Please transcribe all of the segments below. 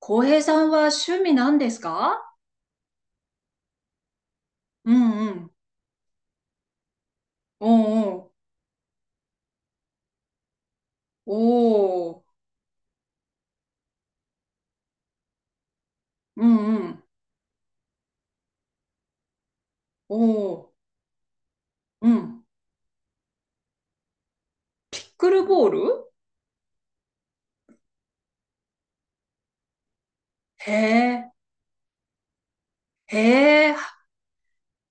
浩平さんは趣味なんですか？うんうん。おう、おう。おう。うんうん。おう。うん。ピックルボール？へえ。へえ。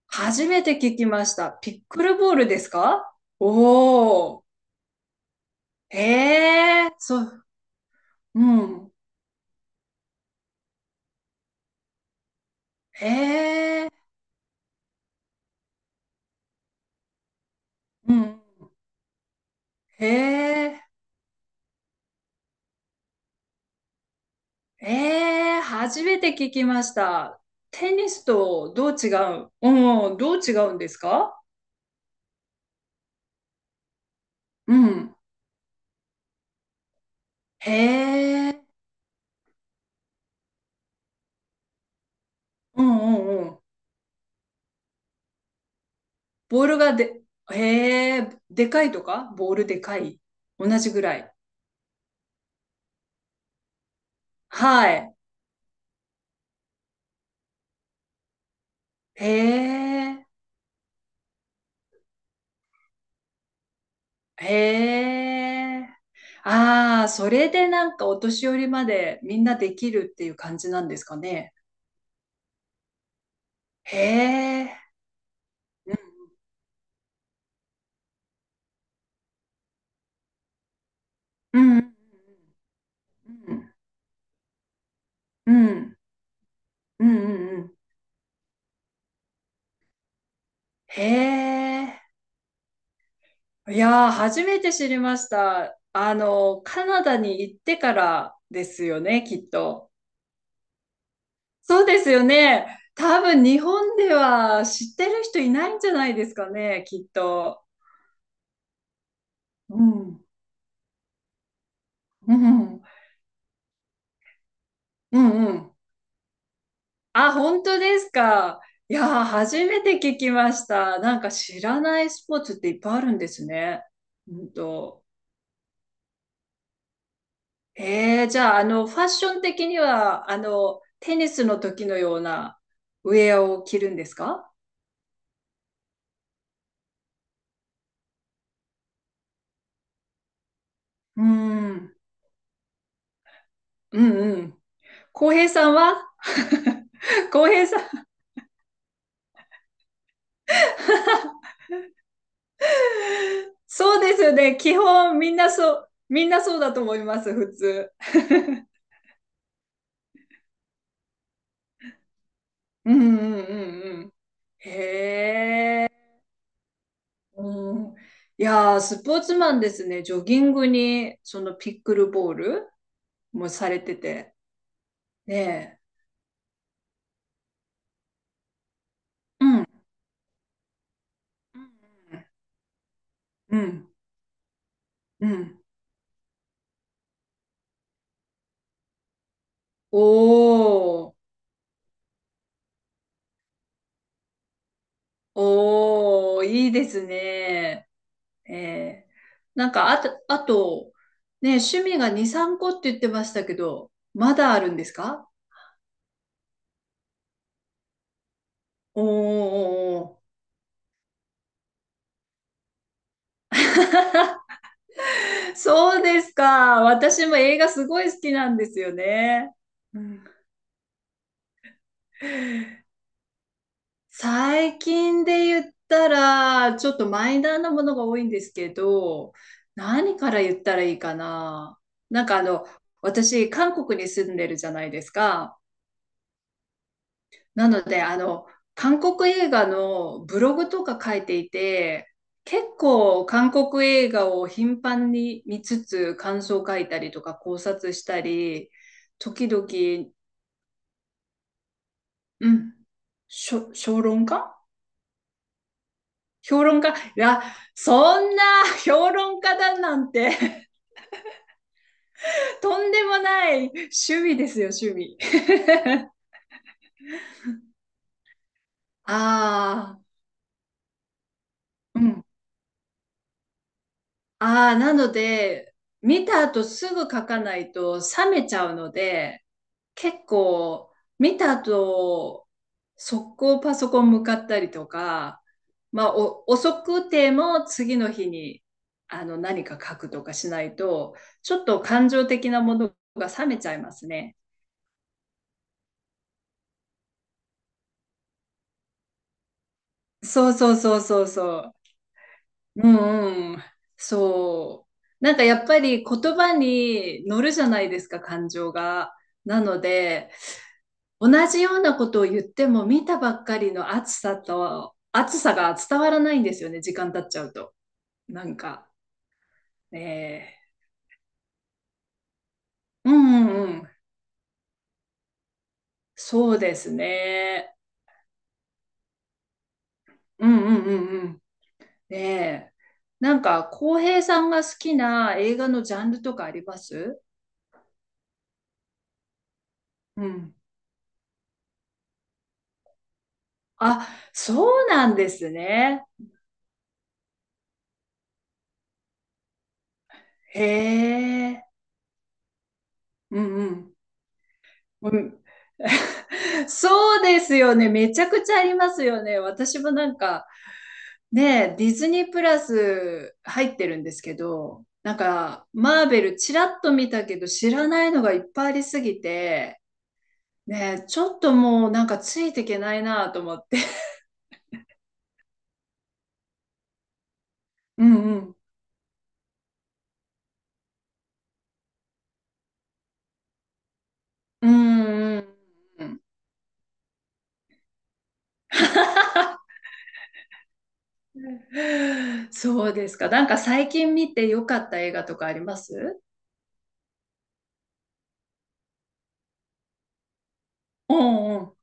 初めて聞きました。ピックルボールですか？おおう。へえ。そう。うん。へえ。うん。へえ。へえ。初めて聞きました。テニスとどう違ううん。どう違うんですか？うん。へえ。うんうんうん。ボールがで、へえ、でかいとか、ボールでかい。同じぐらい。はい。へえ、へえ。ああ、それでなんかお年寄りまでみんなできるっていう感じなんですかね。へえ。うんうんうんうんうんうんうんうん、へえ、いやー、初めて知りました。あの、カナダに行ってからですよね、きっと？そうですよね。多分日本では知ってる人いないんじゃないですかね、きっと。うん。うん。うんうん。あ、本当ですか。いやー、初めて聞きました。なんか知らないスポーツっていっぱいあるんですね。うんと。じゃあ、あの、ファッション的には、あの、テニスの時のようなウェアを着るんですか？うん。うんうん。浩平さんは。 浩平さん。そうですね。基本みんなそう、みんなそうだと思います、普通。うんうんうんうん。へえ。うん。いやー、スポーツマンですね。ジョギングに、そのピックルボールもされてて。ねえ。うん。うん。うん。おー。おー、いいですね。ええ。なんか、あと、ねえ、趣味が2、3個って言ってましたけど、まだあるんですか？おお、そうですか。私も映画すごい好きなんですよね。うん、最近で言ったら、ちょっとマイナーなものが多いんですけど、何から言ったらいいかな。なんかあの、私、韓国に住んでるじゃないですか。なので、あの、韓国映画のブログとか書いていて、結構韓国映画を頻繁に見つつ感想書いたりとか考察したり、時々、うん、評論家？評論家、いや、そんな。 評論家だなんて。 とんでもない趣味ですよ、趣味。ああ、うん。ああ、なので、見た後すぐ書かないと冷めちゃうので、結構、見た後、速攻パソコン向かったりとか、まあ、お遅くても次の日に、あの、何か書くとかしないと、ちょっと感情的なものが冷めちゃいますね。そうそうそうそうそう。うんうん。そう。なんかやっぱり言葉に乗るじゃないですか、感情が。なので、同じようなことを言っても見たばっかりの暑さと暑さが伝わらないんですよね、時間経っちゃうと。なんか、ねえー、うんうんうん、そうですね、うんうんうんうん、ねえ、なんか浩平さんが好きな映画のジャンルとかあります？うん、あ、そうなんですね。へえ。うんうんうん。 そうですよね、めちゃくちゃありますよね。私もなんか、で、ディズニープラス入ってるんですけど、なんか、マーベルちらっと見たけど知らないのがいっぱいありすぎて、ね、ちょっともうなんかついていけないなと思って。うんうん。うんうんうん。そうですか。なんか最近見てよかった映画とかあります？うんうん。ウ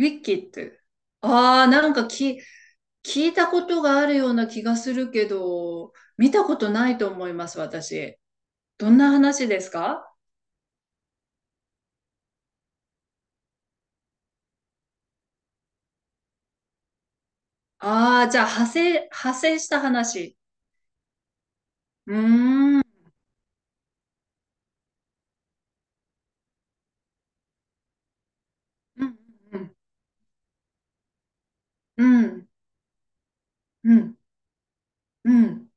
ィキッド。ああ、なんか聞いたことがあるような気がするけど、見たことないと思います、私。どんな話ですか？ああ、じゃあ、派生した話。うーん。うん、うん、うん、うん、うん、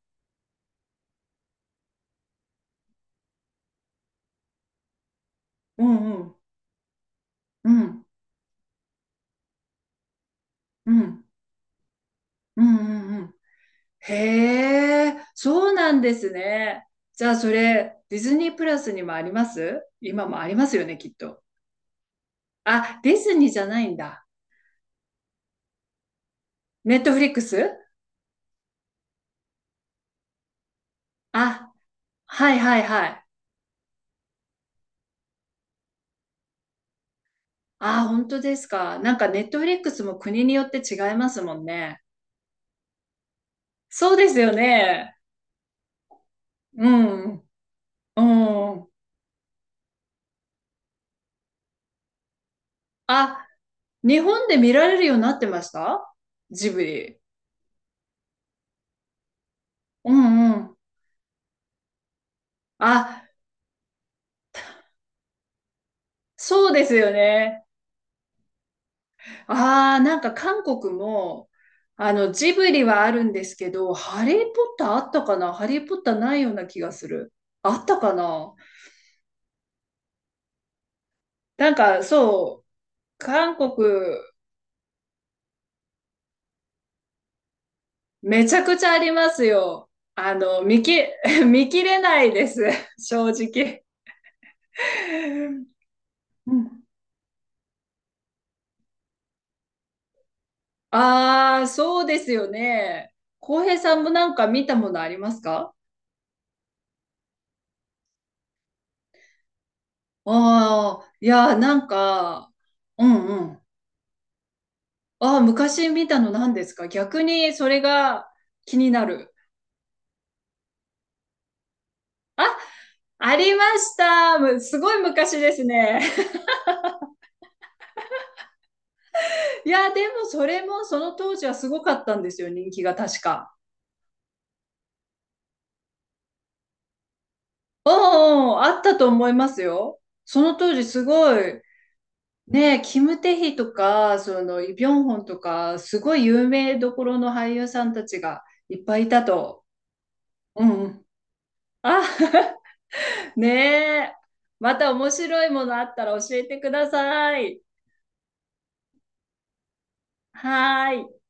うん、うん、うん、うん、うん、うん。へえ、そうなんですね。じゃあ、それ、ディズニープラスにもあります？今もありますよね、きっと。あ、ディズニーじゃないんだ。ネットフリックス。あ、はいはいはい。あ、本当ですか。なんかネットフリックスも国によって違いますもんね。そうですよね。うん。うん。あ、日本で見られるようになってました？ジブリ。うんうん。あ、そうですよね。ああ、なんか韓国も、あの、ジブリはあるんですけど、ハリー・ポッターあったかな。ハリー・ポッターないような気がする。あったかな。なんか、そう、韓国、めちゃくちゃありますよ。あの、見切れないです。正直。うん、ああ、そうですよね。浩平さんもなんか見たものありますか？ああー、いやー、なんか、うんうん。ああ、昔見たの何ですか？逆にそれが気になる。ありました、すごい昔ですね。いやでもそれもその当時はすごかったんですよ、人気が確か。うんうん、あったと思いますよ。その当時すごい、ねえ、キム・テヒとか、その、イ・ビョンホンとか、すごい有名どころの俳優さんたちがいっぱいいたと。うんうん。あ、ねえ。また面白いものあったら教えてください。はーい。